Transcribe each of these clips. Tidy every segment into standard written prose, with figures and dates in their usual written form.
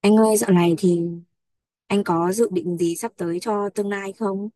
Anh ơi, dạo này thì anh có dự định gì sắp tới cho tương lai không?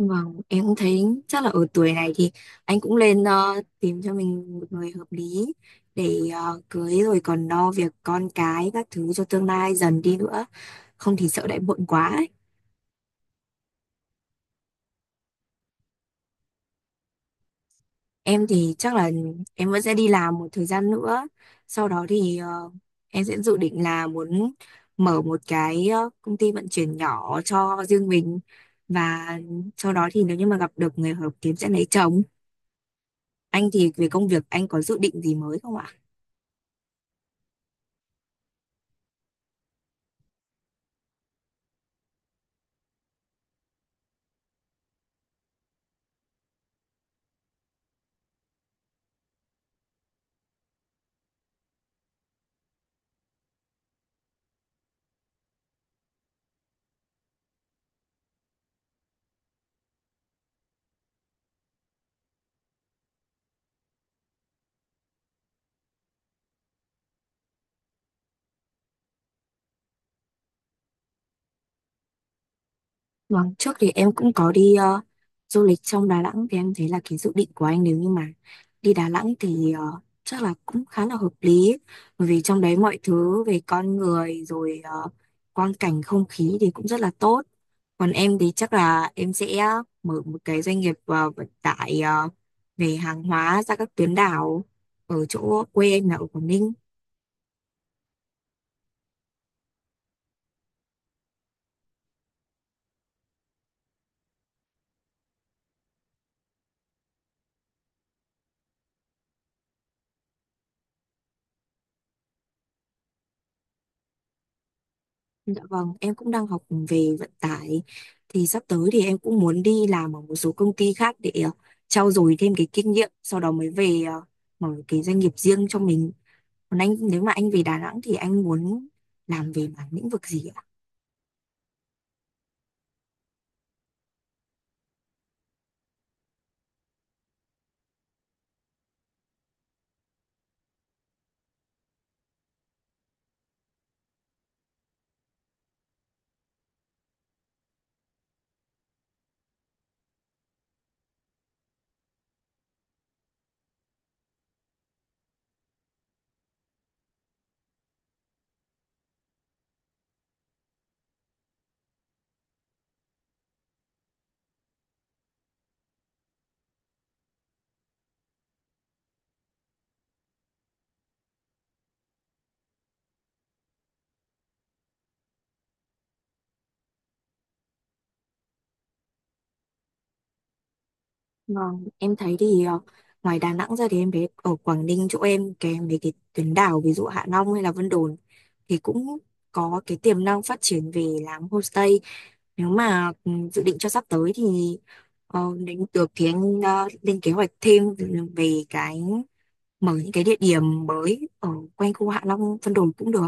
Vâng, em cũng thấy chắc là ở tuổi này thì anh cũng lên tìm cho mình một người hợp lý để cưới rồi còn lo việc con cái các thứ cho tương lai dần đi nữa. Không thì sợ lại muộn quá. Em thì chắc là em vẫn sẽ đi làm một thời gian nữa. Sau đó thì em sẽ dự định là muốn mở một cái công ty vận chuyển nhỏ cho riêng mình và sau đó thì nếu như mà gặp được người hợp kiếm sẽ lấy chồng. Anh thì về công việc anh có dự định gì mới không ạ? Vâng, trước thì em cũng có đi du lịch trong Đà Nẵng thì em thấy là cái dự định của anh nếu như mà đi Đà Nẵng thì chắc là cũng khá là hợp lý, bởi vì trong đấy mọi thứ về con người rồi quang cảnh không khí thì cũng rất là tốt. Còn em thì chắc là em sẽ mở một cái doanh nghiệp vận tải về hàng hóa ra các tuyến đảo ở chỗ quê em là ở Quảng Ninh. Dạ vâng, em cũng đang học về vận tải thì sắp tới thì em cũng muốn đi làm ở một số công ty khác để trau dồi thêm cái kinh nghiệm, sau đó mới về mở cái doanh nghiệp riêng cho mình. Còn anh nếu mà anh về Đà Nẵng thì anh muốn làm về mảng lĩnh vực gì ạ? Vâng, em thấy thì ngoài Đà Nẵng ra thì em thấy ở Quảng Ninh chỗ em cái mấy cái tuyến đảo ví dụ Hạ Long hay là Vân Đồn thì cũng có cái tiềm năng phát triển về làm homestay, nếu mà dự định cho sắp tới thì đến được thì anh lên kế hoạch thêm về cái mở những cái địa điểm mới ở quanh khu Hạ Long Vân Đồn cũng được.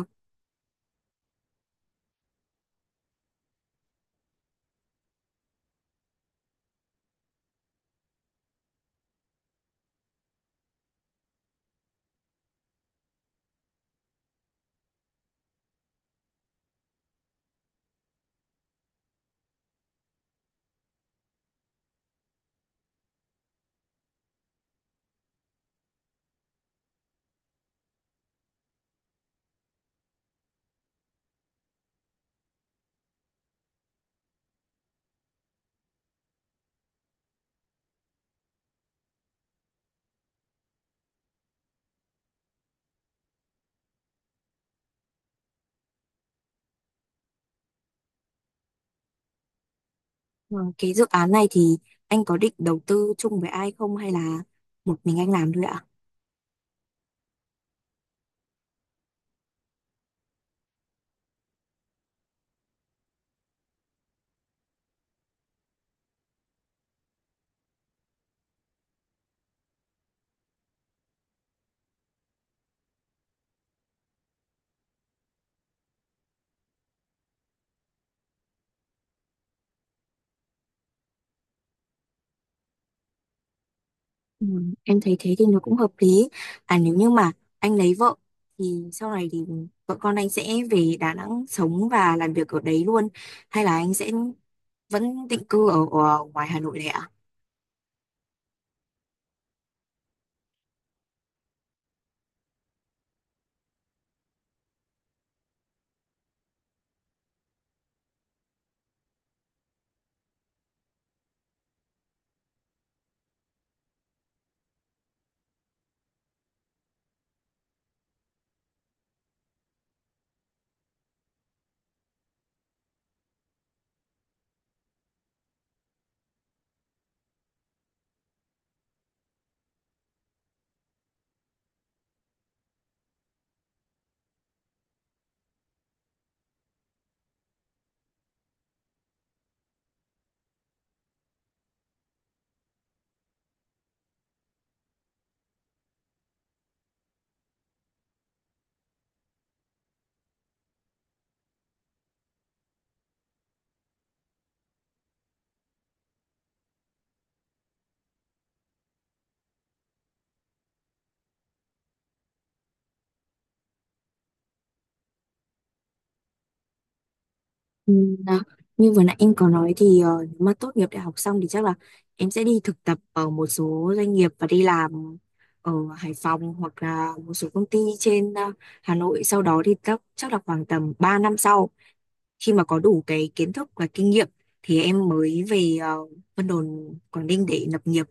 Ờ, cái dự án này thì anh có định đầu tư chung với ai không hay là một mình anh làm thôi ạ? Ừ, em thấy thế thì nó cũng hợp lý. À nếu như mà anh lấy vợ thì sau này thì vợ con anh sẽ về Đà Nẵng sống và làm việc ở đấy luôn, hay là anh sẽ vẫn định cư ở ngoài Hà Nội này ạ? Ừ, à, như vừa nãy em có nói thì nếu mà tốt nghiệp đại học xong thì chắc là em sẽ đi thực tập ở một số doanh nghiệp và đi làm ở Hải Phòng hoặc là một số công ty trên Hà Nội, sau đó thì chắc chắc là khoảng tầm 3 năm sau, khi mà có đủ cái kiến thức và kinh nghiệm thì em mới về Vân Đồn Quảng Ninh để lập nghiệp.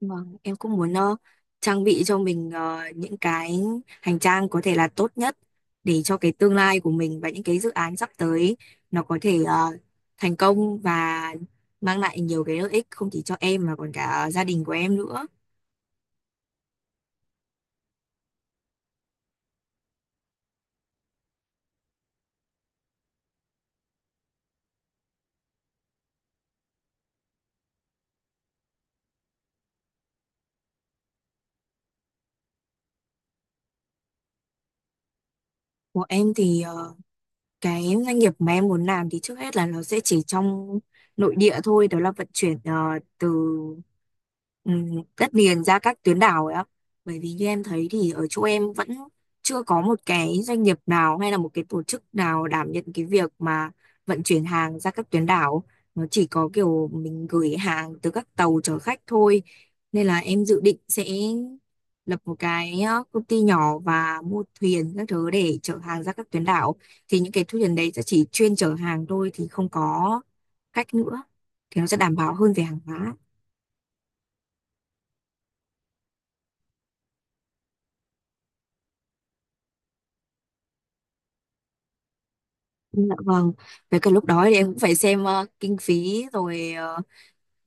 Vâng, em cũng muốn trang bị cho mình những cái hành trang có thể là tốt nhất để cho cái tương lai của mình, và những cái dự án sắp tới nó có thể thành công và mang lại nhiều cái lợi ích không chỉ cho em mà còn cả gia đình của em nữa. Của em thì cái doanh nghiệp mà em muốn làm thì trước hết là nó sẽ chỉ trong nội địa thôi, đó là vận chuyển từ đất liền ra các tuyến đảo ấy ạ, bởi vì như em thấy thì ở chỗ em vẫn chưa có một cái doanh nghiệp nào hay là một cái tổ chức nào đảm nhận cái việc mà vận chuyển hàng ra các tuyến đảo, nó chỉ có kiểu mình gửi hàng từ các tàu chở khách thôi, nên là em dự định sẽ lập một cái công ty nhỏ và mua thuyền các thứ để chở hàng ra các tuyến đảo, thì những cái thu tiền đấy sẽ chỉ chuyên chở hàng thôi thì không có cách nữa, thì nó sẽ đảm bảo hơn về hàng hóa. Dạ vâng, với cả lúc đó thì em cũng phải xem kinh phí rồi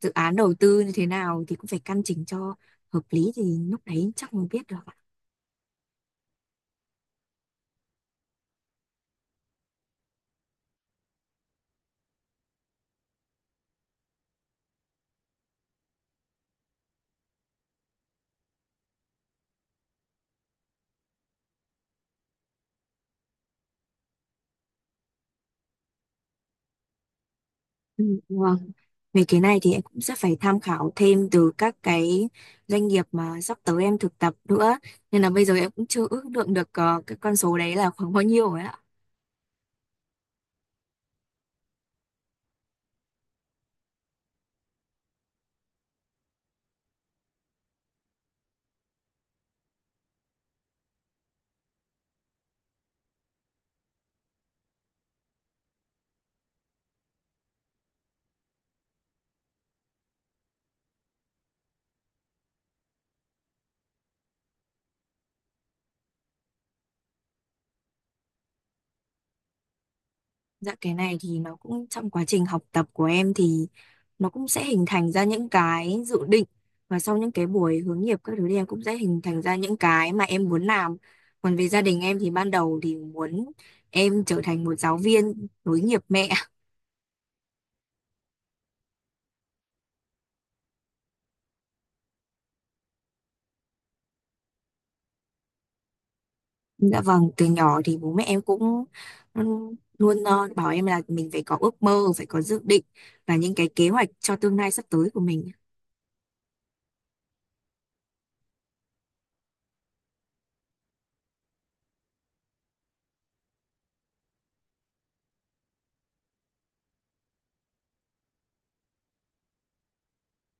dự án đầu tư như thế nào thì cũng phải căn chỉnh cho hợp lý, thì lúc đấy chắc mới biết được ạ. Ừ, vâng, về cái này thì em cũng sẽ phải tham khảo thêm từ các cái doanh nghiệp mà sắp tới em thực tập nữa, nên là bây giờ em cũng chưa ước lượng được cái con số đấy là khoảng bao nhiêu rồi ạ. Dạ, cái này thì nó cũng trong quá trình học tập của em thì nó cũng sẽ hình thành ra những cái dự định, và sau những cái buổi hướng nghiệp các thứ thì em cũng sẽ hình thành ra những cái mà em muốn làm. Còn về gia đình em thì ban đầu thì muốn em trở thành một giáo viên nối nghiệp mẹ. Dạ vâng, từ nhỏ thì bố mẹ em cũng luôn bảo em là mình phải có ước mơ, phải có dự định và những cái kế hoạch cho tương lai sắp tới của mình.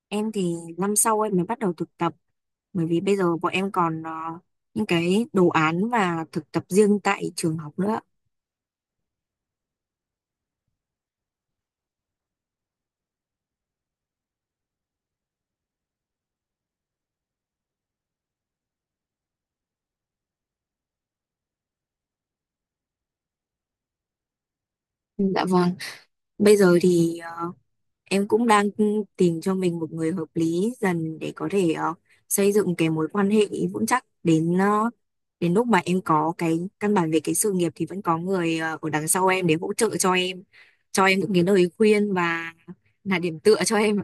Em thì năm sau em mới bắt đầu thực tập, bởi vì bây giờ bọn em còn những cái đồ án và thực tập riêng tại trường học nữa. Dạ vâng. Bây giờ thì em cũng đang tìm cho mình một người hợp lý dần để có thể xây dựng cái mối quan hệ vững chắc, đến lúc mà em có cái căn bản về cái sự nghiệp thì vẫn có người ở đằng sau em để hỗ trợ cho em những cái lời khuyên và là điểm tựa cho em.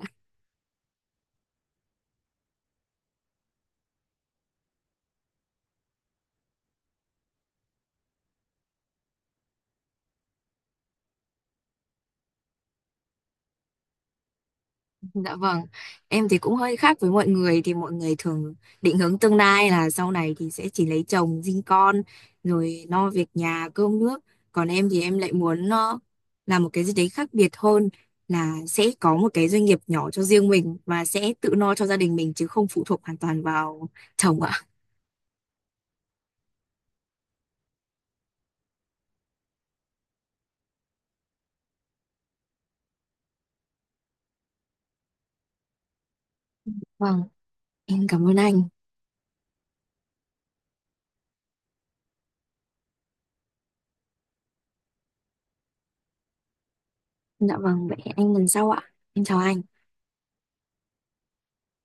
Dạ vâng, em thì cũng hơi khác với mọi người, thì mọi người thường định hướng tương lai là sau này thì sẽ chỉ lấy chồng, sinh con rồi lo việc nhà, cơm nước. Còn em thì em lại muốn nó làm một cái gì đấy khác biệt hơn, là sẽ có một cái doanh nghiệp nhỏ cho riêng mình và sẽ tự lo cho gia đình mình chứ không phụ thuộc hoàn toàn vào chồng ạ. Vâng, em cảm ơn anh. Dạ vâng, vậy hẹn anh lần sau ạ. Em chào anh.